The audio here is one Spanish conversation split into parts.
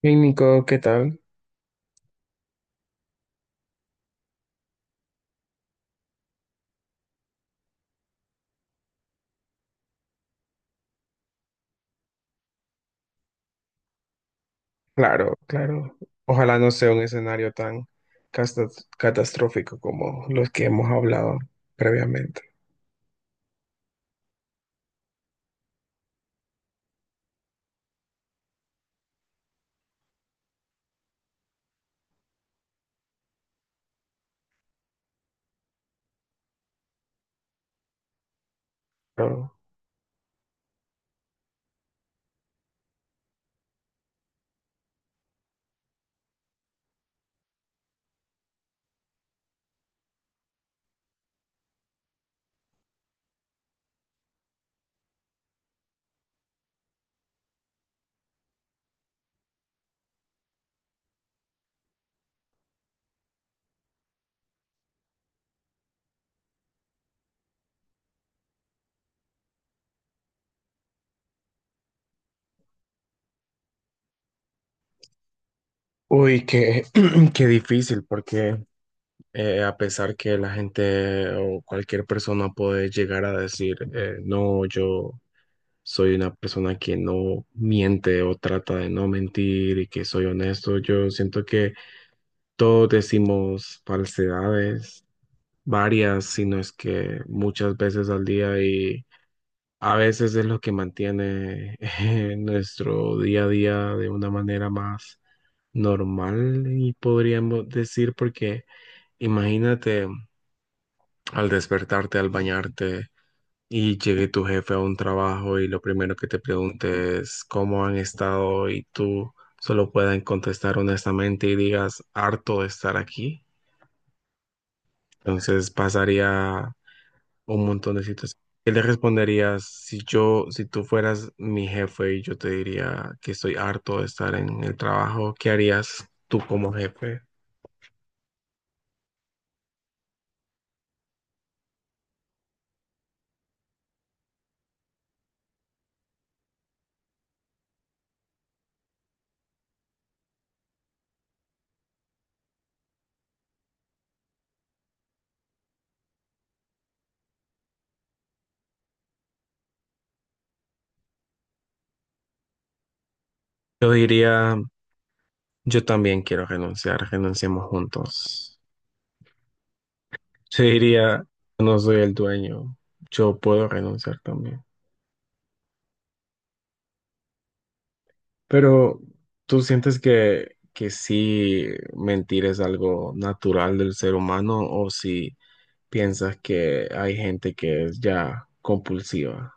Hey Nico, ¿qué tal? Claro, claro. Ojalá no sea un escenario tan catastrófico como los que hemos hablado previamente. Pero, uy, qué, qué difícil, porque a pesar que la gente o cualquier persona puede llegar a decir, no, yo soy una persona que no miente o trata de no mentir y que soy honesto. Yo siento que todos decimos falsedades, varias, si no es que muchas veces al día, y a veces es lo que mantiene nuestro día a día de una manera más normal, y podríamos decir porque imagínate, al despertarte, al bañarte y llegue tu jefe a un trabajo y lo primero que te pregunte es cómo han estado, y tú solo puedas contestar honestamente y digas harto de estar aquí. Entonces pasaría un montón de situaciones. ¿Qué le responderías si yo, si tú fueras mi jefe y yo te diría que estoy harto de estar en el trabajo? ¿Qué harías tú como jefe? Yo diría, yo también quiero renunciar, renunciemos juntos. Se diría, no soy el dueño, yo puedo renunciar también. Pero, ¿tú sientes que sí mentir es algo natural del ser humano, o si piensas que hay gente que es ya compulsiva?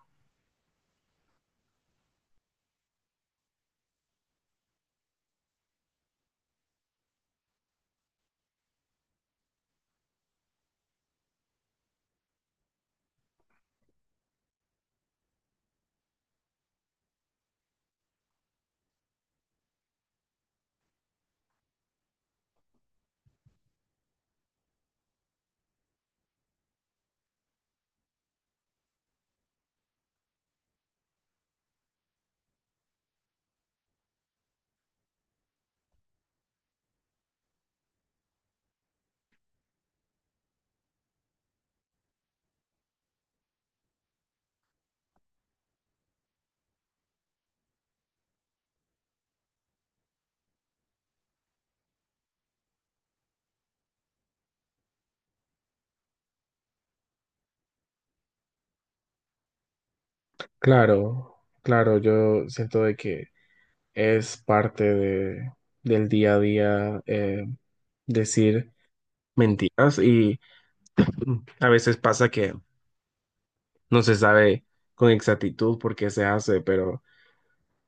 Claro, claro, yo siento de que es parte del día a día, decir mentiras y a veces pasa que no se sabe con exactitud por qué se hace, pero...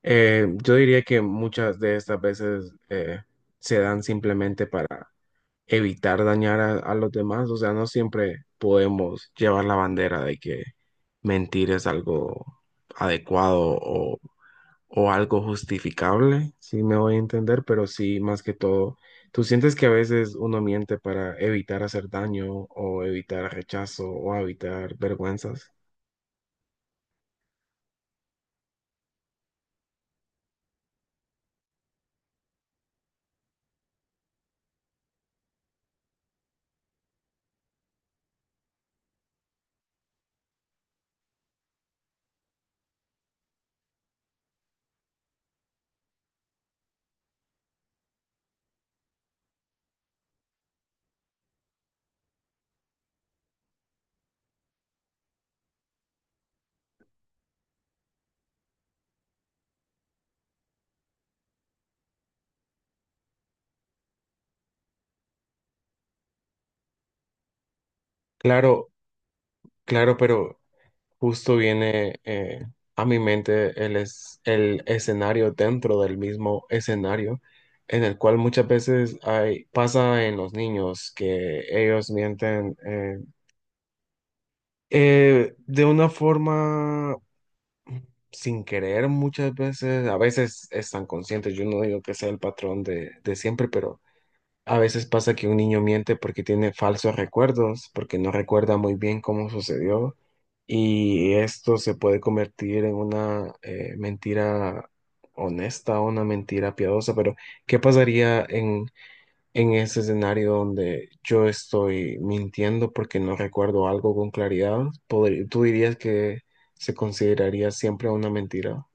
Yo diría que muchas de estas veces se dan simplemente para evitar dañar a los demás. O sea, no siempre podemos llevar la bandera de que mentir es algo adecuado o algo justificable, si me voy a entender, pero sí, más que todo, tú sientes que a veces uno miente para evitar hacer daño, o evitar rechazo, o evitar vergüenzas. Claro, claro, pero justo viene a mi mente el escenario dentro del mismo escenario, en el cual muchas veces hay, pasa en los niños que ellos mienten, de una forma sin querer muchas veces, a veces están conscientes, yo no digo que sea el patrón de siempre, pero a veces pasa que un niño miente porque tiene falsos recuerdos, porque no recuerda muy bien cómo sucedió, y esto se puede convertir en una mentira honesta, una mentira piadosa, pero ¿qué pasaría en ese escenario donde yo estoy mintiendo porque no recuerdo algo con claridad? ¿Tú dirías que se consideraría siempre una mentira?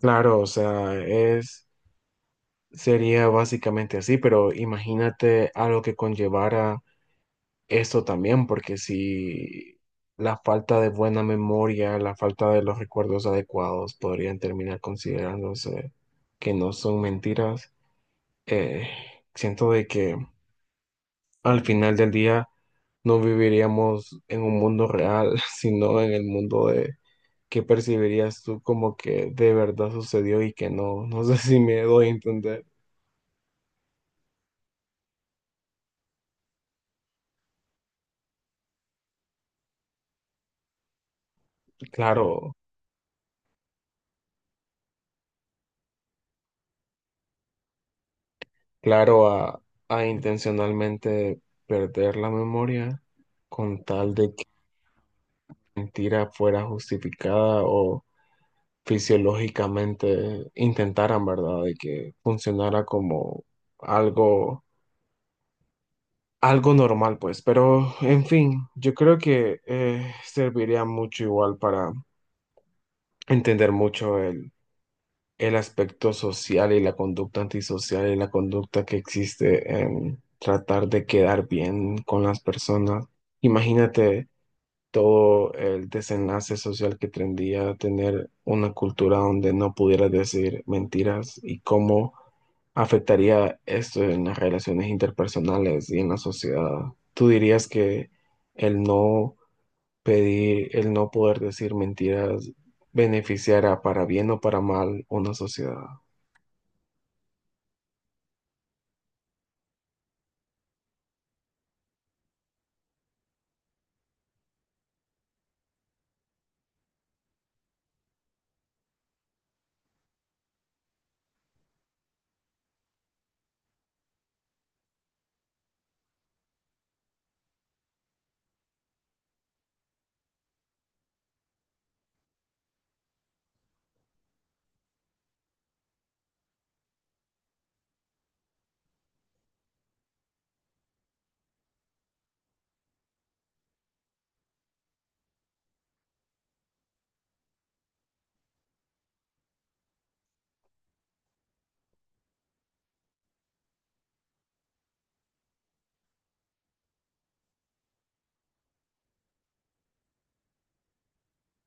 Claro, o sea, es... Sería básicamente así, pero imagínate a lo que conllevara esto también, porque si la falta de buena memoria, la falta de los recuerdos adecuados podrían terminar considerándose que no son mentiras, eh, siento de que al final del día no viviríamos en un mundo real, sino en el mundo de que percibirías tú como que de verdad sucedió y que no. No sé si me doy a entender. Claro. Claro, a intencionalmente perder la memoria con tal de que la mentira fuera justificada, o fisiológicamente intentaran, ¿verdad? De que funcionara como algo, algo normal, pues. Pero, en fin, yo creo que serviría mucho igual para entender mucho el aspecto social y la conducta antisocial y la conducta que existe en tratar de quedar bien con las personas. Imagínate todo el desenlace social que tendría a tener una cultura donde no pudiera decir mentiras, y cómo afectaría esto en las relaciones interpersonales y en la sociedad. ¿Tú dirías que el no pedir, el no poder decir mentiras beneficiará para bien o para mal una sociedad?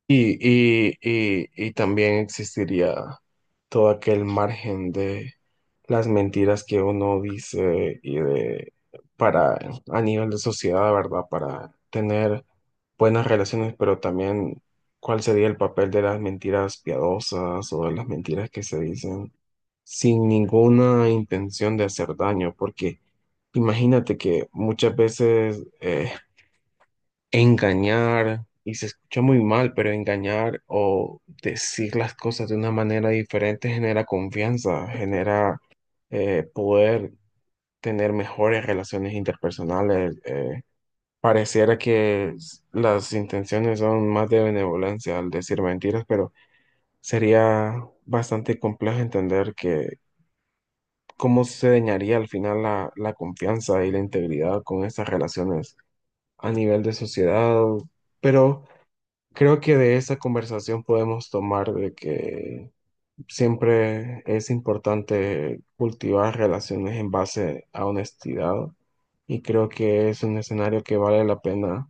Y también existiría todo aquel margen de las mentiras que uno dice y de para a nivel de sociedad, ¿verdad? Para tener buenas relaciones, pero también cuál sería el papel de las mentiras piadosas o de las mentiras que se dicen sin ninguna intención de hacer daño, porque imagínate que muchas veces engañar, y se escucha muy mal, pero engañar o decir las cosas de una manera diferente genera confianza, genera poder tener mejores relaciones interpersonales. Pareciera que las intenciones son más de benevolencia al decir mentiras, pero sería bastante complejo entender que cómo se dañaría al final la, la confianza y la integridad con estas relaciones a nivel de sociedad, pero... Creo que de esa conversación podemos tomar de que siempre es importante cultivar relaciones en base a honestidad, y creo que es un escenario que vale la pena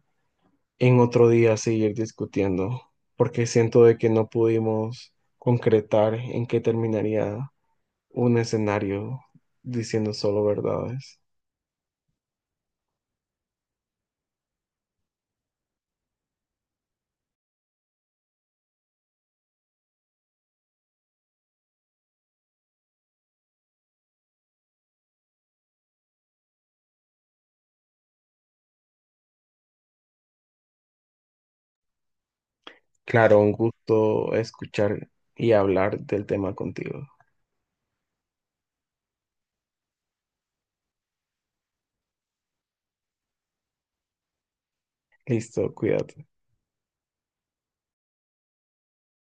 en otro día seguir discutiendo, porque siento de que no pudimos concretar en qué terminaría un escenario diciendo solo verdades. Claro, un gusto escuchar y hablar del tema contigo. Listo, cuídate.